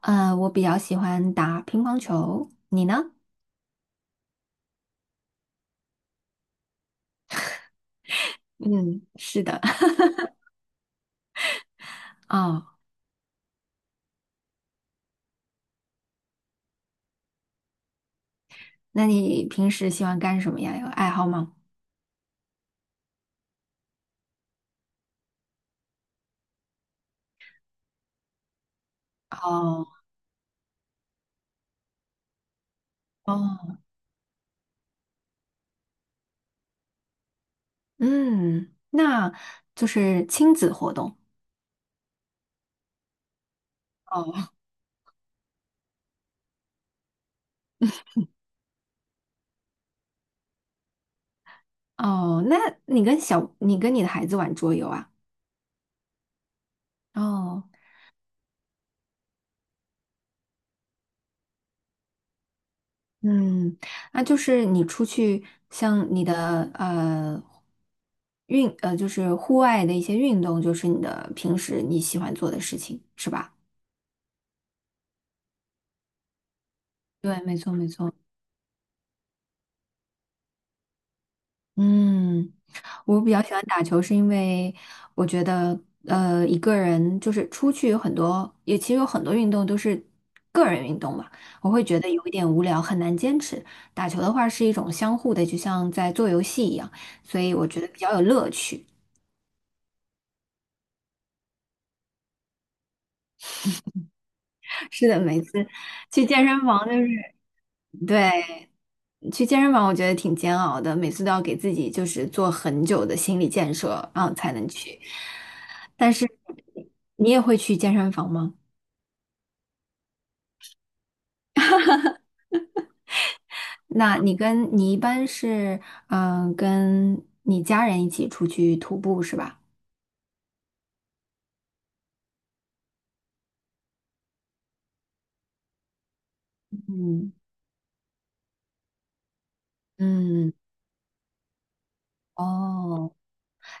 我比较喜欢打乒乓球，你呢？嗯，是的。哦，那你平时喜欢干什么呀？有爱好吗？哦哦，嗯，那就是亲子活动。哦哦，那你跟你的孩子玩桌游啊？哦，嗯，那就是你出去像你的呃运呃，就是户外的一些运动，就是你的平时你喜欢做的事情，是吧？嗯。我比较喜欢打球，是因为我觉得，一个人就是出去有很多，也其实有很多运动都是个人运动嘛，我会觉得有一点无聊，很难坚持。打球的话是一种相互的，就像在做游戏一样，所以我觉得比较有乐趣。是的，每次去健身房就是，对。去健身房，我觉得挺煎熬的，每次都要给自己就是做很久的心理建设，然后才能去。但是你也会去健身房吗？那你一般是，跟你家人一起出去徒步是吧？嗯，嗯，哦，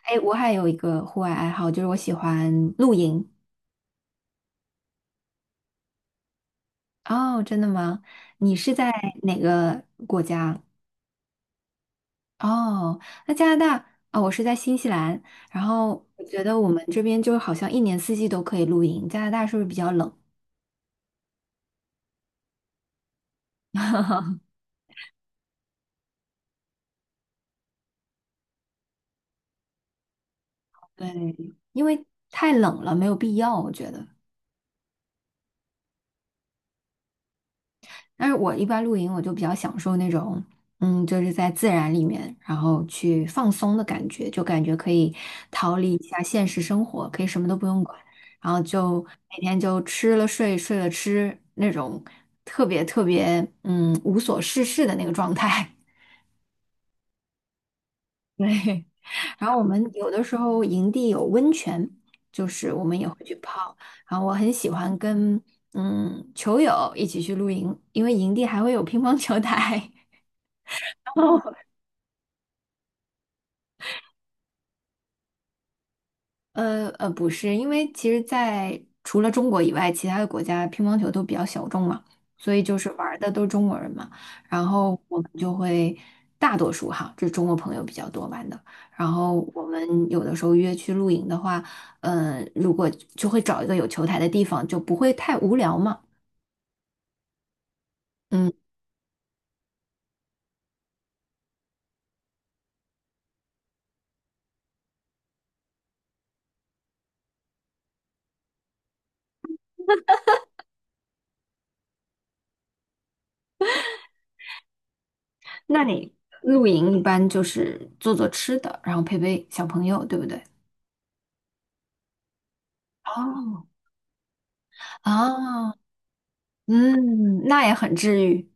哎，我还有一个户外爱好，就是我喜欢露营。哦，真的吗？你是在哪个国家？哦，那加拿大啊，我是在新西兰。然后我觉得我们这边就好像一年四季都可以露营，加拿大是不是比较冷？对，因为太冷了，没有必要，我觉得。但是我一般露营，我就比较享受那种，就是在自然里面，然后去放松的感觉，就感觉可以逃离一下现实生活，可以什么都不用管，然后就每天就吃了睡，睡了吃，那种特别特别，无所事事的那个状态。对。然后我们有的时候营地有温泉，就是我们也会去泡。然后我很喜欢跟球友一起去露营，因为营地还会有乒乓球台。哦，不是，因为其实在除了中国以外，其他的国家乒乓球都比较小众嘛，所以就是玩儿的都是中国人嘛。然后我们就会大多数哈，这中国朋友比较多玩的。然后我们有的时候约去露营的话，嗯、如果就会找一个有球台的地方，就不会太无聊嘛。嗯，那你露营一般就是做做吃的，然后陪陪小朋友，对不对？哦，啊，那也很治愈。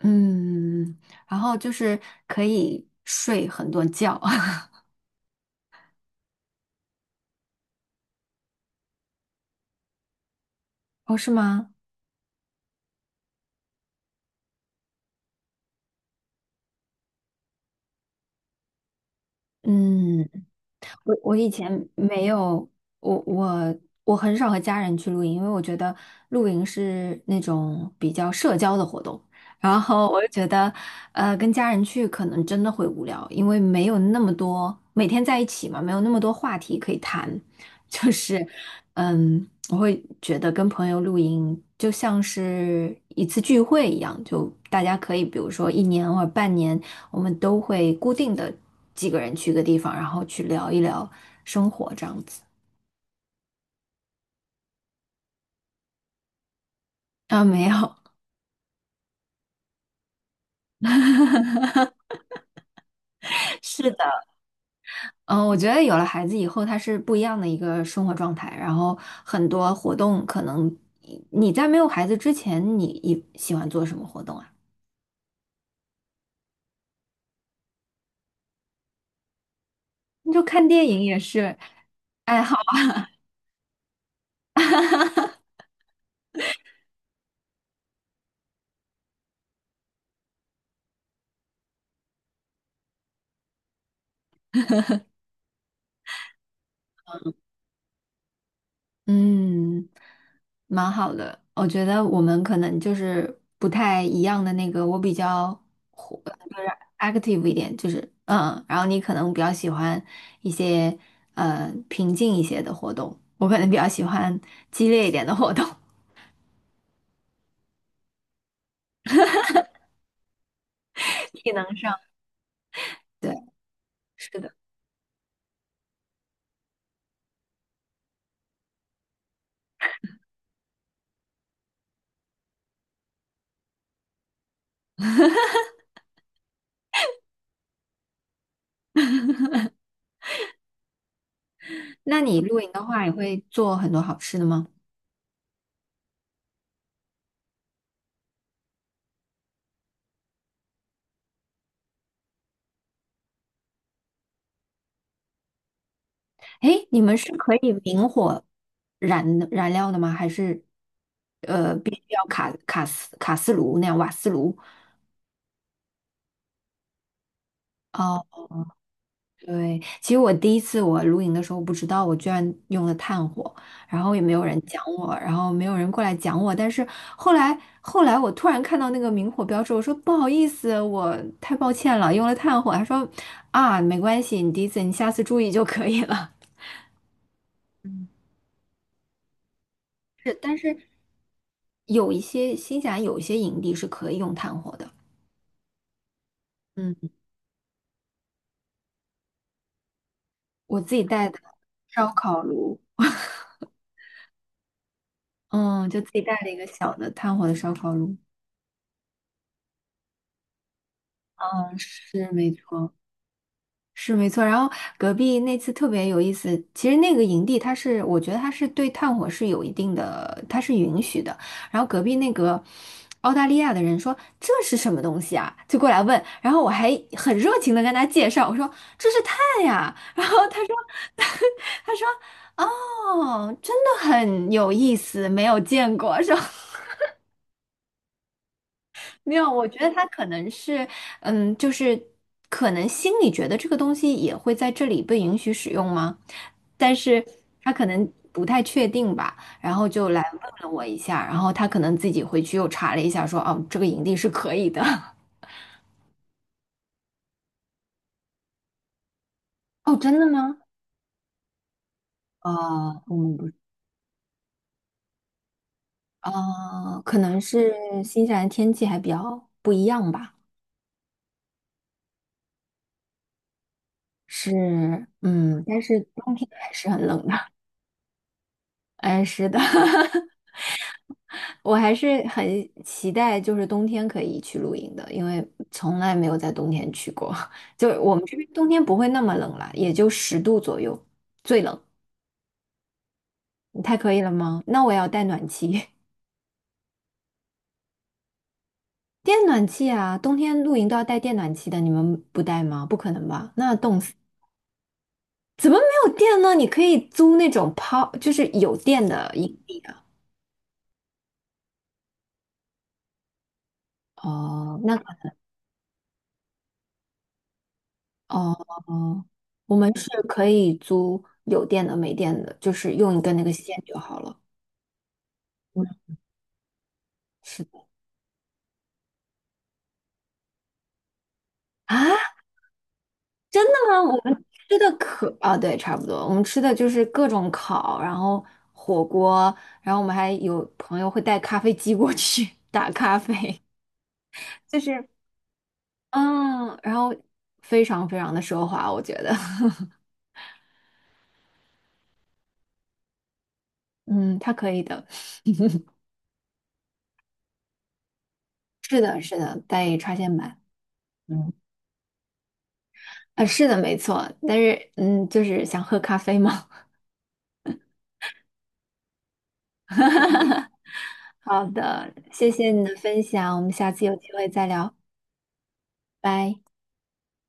嗯，然后就是可以睡很多觉。哦，是吗？嗯，我以前没有，我我我很少和家人去露营，因为我觉得露营是那种比较社交的活动，然后我就觉得，跟家人去可能真的会无聊，因为没有那么多，每天在一起嘛，没有那么多话题可以谈，就是。我会觉得跟朋友露营就像是一次聚会一样，就大家可以，比如说一年或者半年，我们都会固定的几个人去一个地方，然后去聊一聊生活这样子。啊，没有，是的，嗯，我觉得有了孩子以后，他是不一样的一个生活状态，然后很多活动可能你在没有孩子之前，你喜欢做什么活动啊？你就看电影也是。爱好。嗯，蛮好的。我觉得我们可能就是不太一样的那个，我比较就是 active 一点，就是然后你可能比较喜欢一些平静一些的活动，我可能比较喜欢激烈一点的活动，体能上。对，是的。那你露营的话，也会做很多好吃的吗？诶，你们是可以明火燃的燃料的吗？还是必须要卡卡斯卡斯炉那样瓦斯炉？哦，对，其实我第一次我露营的时候不知道，我居然用了炭火，然后也没有人讲我，然后没有人过来讲我。但是后来，我突然看到那个明火标志，我说不好意思，我太抱歉了，用了炭火。他说啊，没关系，你第一次，你下次注意就可以了。嗯是，但是有一些新西兰有一些营地是可以用炭火的，嗯，我自己带的烧烤炉，嗯，就自己带了一个小的炭火的烧烤炉，嗯，是没错。是没错，然后隔壁那次特别有意思。其实那个营地，它是我觉得它是对炭火是有一定的，它是允许的。然后隔壁那个澳大利亚的人说这是什么东西啊，就过来问。然后我还很热情的跟他介绍，我说这是炭呀。然后他说 他说哦，真的很有意思，没有见过，说。没有，我觉得他可能是，就是可能心里觉得这个东西也会在这里被允许使用吗？但是他可能不太确定吧，然后就来问了我一下，然后他可能自己回去又查了一下说，哦，这个营地是可以的。哦，真的吗？我们不，可能是新西兰天气还比较不一样吧，是，但是冬天还是很冷的。哎，是的，我还是很期待，就是冬天可以去露营的，因为从来没有在冬天去过。就我们这边冬天不会那么冷啦，也就10度左右，最冷。你太可以了吗？那我也要带暖气，电暖气啊！冬天露营都要带电暖气的，你们不带吗？不可能吧？那冻死！怎么没有电呢？你可以租那种抛，就是有电的营地啊。哦，哦哦，我们是可以租有电的、没电的，就是用一根那个线就好了。嗯是的啊，真的吗？我们吃的可啊，对，差不多。我们吃的就是各种烤，然后火锅，然后我们还有朋友会带咖啡机过去 打咖啡，就是嗯，然后非常非常的奢华，我觉得，嗯，他可以的。是的，是的，带插线板，嗯，啊，是的，没错。但是就是想喝咖啡嘛。好的，谢谢你的分享，我们下次有机会再聊，拜。